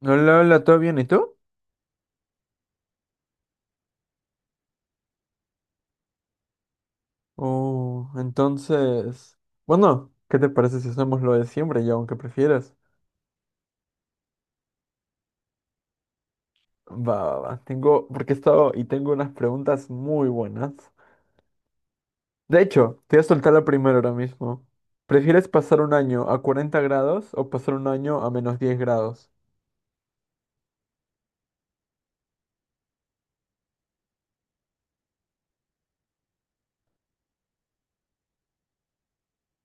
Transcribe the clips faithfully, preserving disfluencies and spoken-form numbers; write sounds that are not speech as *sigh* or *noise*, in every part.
Hola, hola, ¿todo bien? ¿Y tú? Oh, entonces, bueno, ¿qué te parece si hacemos lo de siempre y aunque prefieras? Va, va, va, tengo, porque he estado y tengo unas preguntas muy buenas. De hecho, te voy a soltar la primera ahora mismo. ¿Prefieres pasar un año a cuarenta grados o pasar un año a menos diez grados?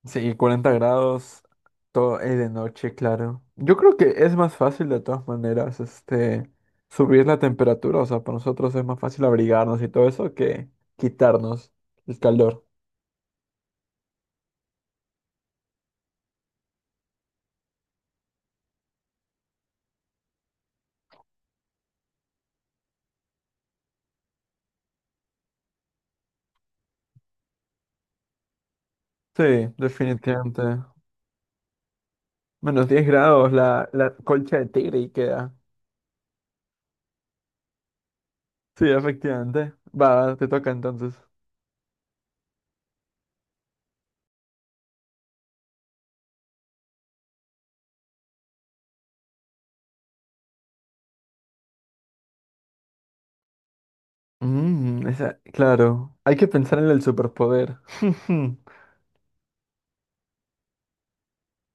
Sí, cuarenta grados, todo es de noche, claro. Yo creo que es más fácil de todas maneras, este, subir la temperatura, o sea, para nosotros es más fácil abrigarnos y todo eso que quitarnos el calor. Sí, definitivamente. Menos diez grados la, la colcha de tigre y queda. Sí, efectivamente. Va, te toca entonces. Mm, esa- claro. Hay que pensar en el superpoder. *laughs*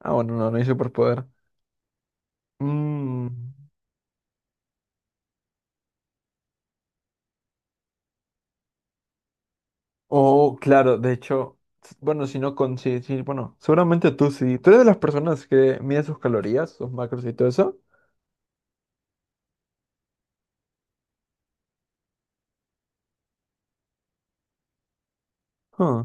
Ah, bueno, no, no hay superpoder. Mm. Oh, claro, de hecho, s- bueno, si no con sí, sí, bueno, seguramente tú sí. ¿Tú eres de las personas que mide sus calorías, sus macros y todo eso? Ah,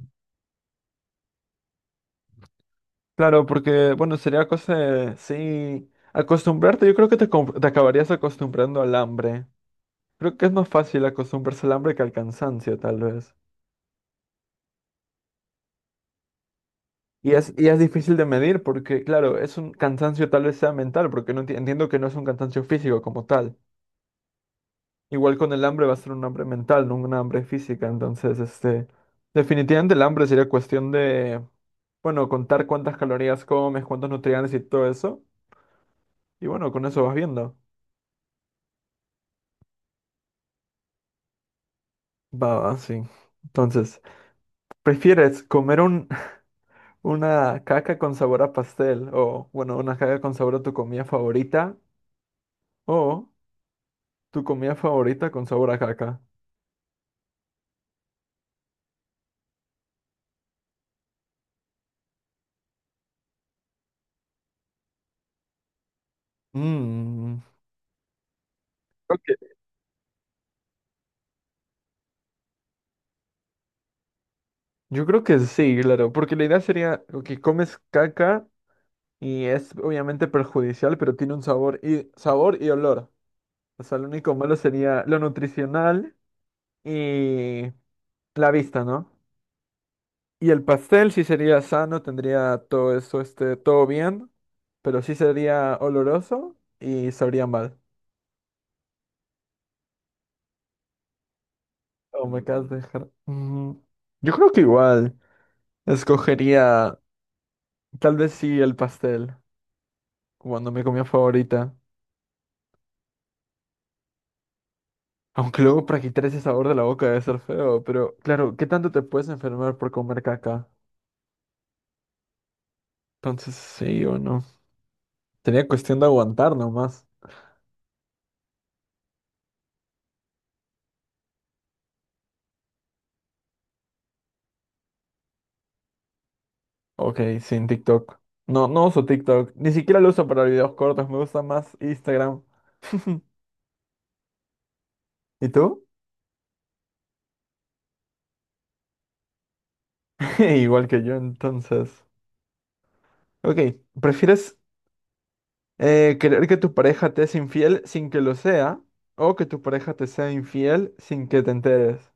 claro, porque, bueno, sería cosa de, sí, acostumbrarte. Yo creo que te, com- te acabarías acostumbrando al hambre. Creo que es más fácil acostumbrarse al hambre que al cansancio, tal vez. Y es, y es difícil de medir porque, claro, es un cansancio tal vez sea mental, porque no enti- entiendo que no es un cansancio físico como tal. Igual con el hambre va a ser un hambre mental, no una hambre física. Entonces, este, definitivamente el hambre sería cuestión de, bueno, contar cuántas calorías comes, cuántos nutrientes y todo eso. Y bueno, con eso vas viendo. Va, va, sí. Entonces, ¿prefieres comer un, *laughs* una caca con sabor a pastel o, bueno, una caca con sabor a tu comida favorita o tu comida favorita con sabor a caca? Mmm. Yo creo que sí, claro, porque la idea sería que comes caca. Y es obviamente perjudicial, pero tiene un sabor y sabor y olor. O sea, lo único malo sería lo nutricional y la vista, ¿no? Y el pastel sí sería sano, tendría todo eso, este, todo bien, pero sí sería oloroso y sabría mal. Oh, me acabas de dejar. Mm, yo creo que igual escogería, tal vez sí el pastel, cuando mi comida favorita. Aunque luego para quitar ese sabor de la boca debe ser feo, pero claro, ¿qué tanto te puedes enfermar por comer caca? Entonces, sí o no. Sería cuestión de aguantar nomás. Ok, sin TikTok. No, no uso TikTok. Ni siquiera lo uso para videos cortos. Me gusta más Instagram. *laughs* ¿Y tú? *laughs* Igual que yo, entonces. Ok, ¿prefieres eh, querer que tu pareja te es infiel sin que lo sea o que tu pareja te sea infiel sin que te enteres?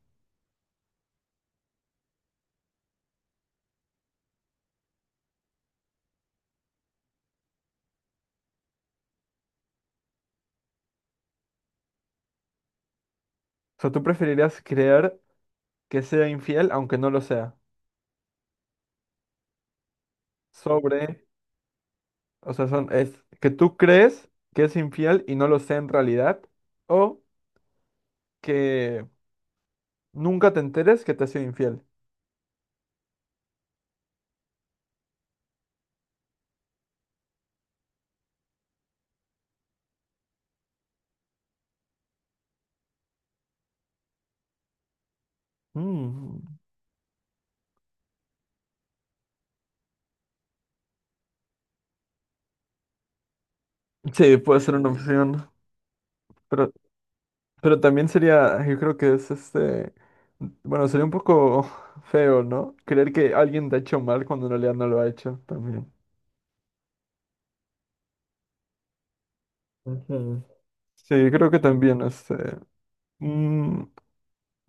O sea, ¿tú preferirías creer que sea infiel aunque no lo sea? Sobre, o sea, son, es que tú crees que es infiel y no lo sé en realidad, o que nunca te enteres que te ha sido infiel. Mm, sí, puede ser una mm, opción, pero, pero también sería, yo creo que es este, bueno, sería un poco *laughs* feo, ¿no? Creer que alguien te ha hecho mal cuando en realidad no lo ha hecho también. Ujú. Sí, yo creo que también, este, mm,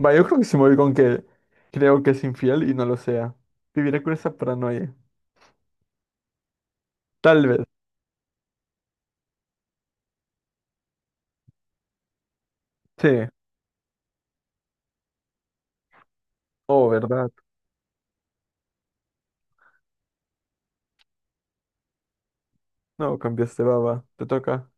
va, yo creo que sí me voy con que creo que es infiel y no lo sea. Viviré con esa paranoia. Tal vez. Sí. Oh, ¿verdad? No, cambiaste baba. Te toca.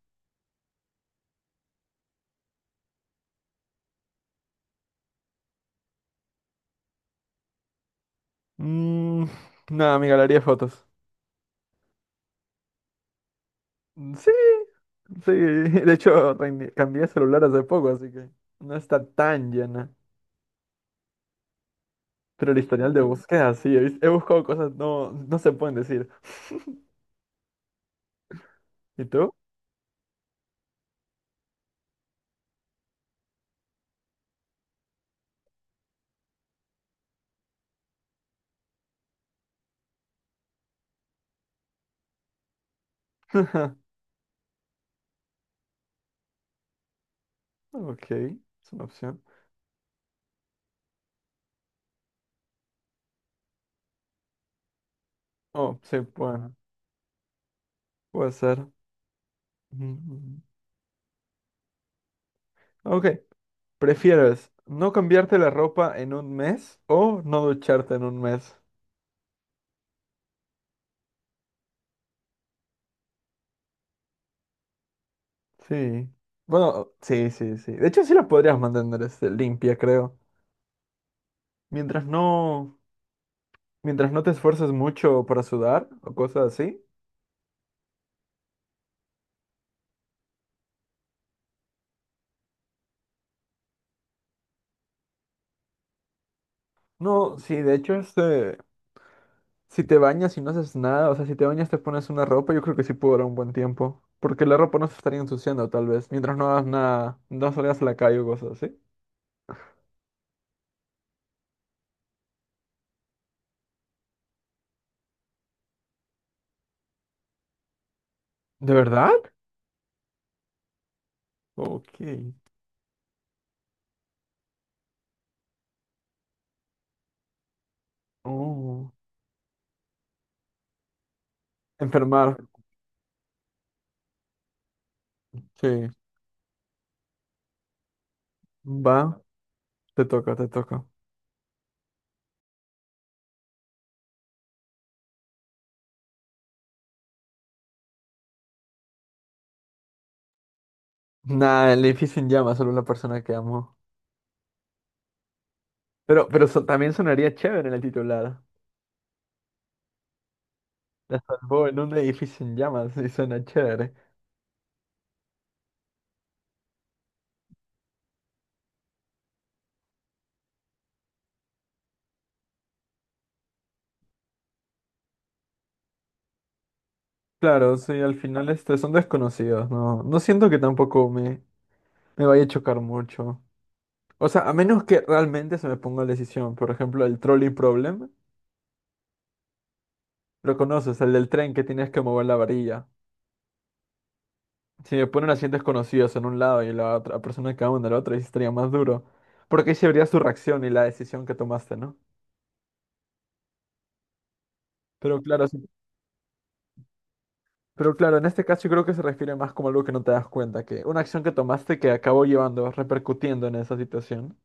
Mm, nada, amiga, le haría fotos. Mm, sí, sí. *laughs* De hecho, reini- cambié de celular hace poco, así que no está tan llena. Pero el historial de búsqueda, sí. He, vis- he buscado cosas no, no se pueden decir. *laughs* ¿Y tú? *laughs* Ok, es una opción. Oh, sí, bueno, puede ser. Mm, mm, ok, ¿prefieres no cambiarte la ropa en un mes o no ducharte en un mes? Sí. Bueno, sí, sí, sí. De hecho, sí la podrías mantener este, limpia, creo. Mientras no, mientras no te esfuerces mucho para sudar o cosas así. No, sí, de hecho, este, si te bañas y no haces nada, o sea, si te bañas te pones una ropa, yo creo que sí puede durar un buen tiempo. Porque la ropa no se estaría ensuciando, tal vez, mientras no hagas nada, no salgas a la calle o cosas así. ¿De verdad? Ok. Oh. Enfermar. Sí. Va, te toca, te toca. Nada, el edificio en llamas, solo la persona que amo. Pero, pero so- también sonaría chévere en el titular. La salvó en un edificio en llamas y suena chévere. Claro, sí, al final este, son desconocidos, ¿no? No siento que tampoco me, me vaya a chocar mucho. O sea, a menos que realmente se me ponga la decisión. Por ejemplo, el trolley problem. Lo conoces, el del tren que tienes que mover la varilla. Si me ponen así desconocidos en un lado y la otra persona que va en el otro, ahí sí estaría más duro. Porque ahí se vería su reacción y la decisión que tomaste, ¿no? Pero claro, si pero claro, en este caso yo creo que se refiere más como algo que no te das cuenta, que una acción que tomaste que acabó llevando, repercutiendo en esa situación.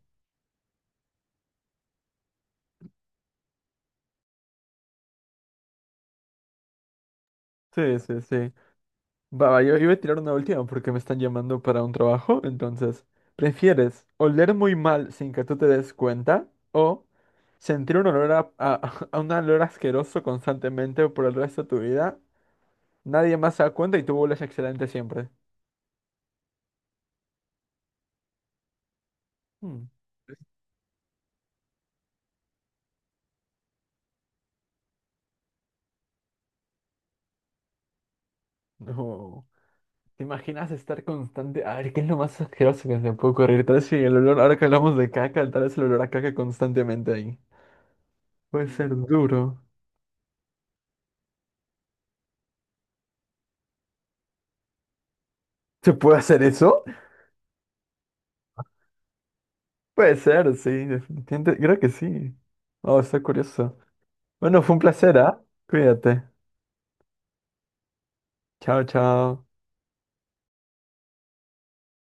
Sí, sí, sí. Va, va, yo iba a tirar una última porque me están llamando para un trabajo, entonces, ¿prefieres oler muy mal sin que tú te des cuenta o sentir un olor a, a, *laughs* a un olor asqueroso constantemente por el resto de tu vida? Nadie más se da cuenta y tú hueles excelente siempre. Hmm. No. ¿Te imaginas estar constante? A ver, ¿qué es lo más asqueroso que se puede ocurrir? Tal vez si el olor, ahora que hablamos de caca, tal vez el olor a caca constantemente ahí. Puede ser duro. ¿Se puede hacer eso? Puede ser, sí, definitivamente. Creo que sí. Oh, está curioso. Bueno, fue un placer, ¿ah? Cuídate. Chao, chao.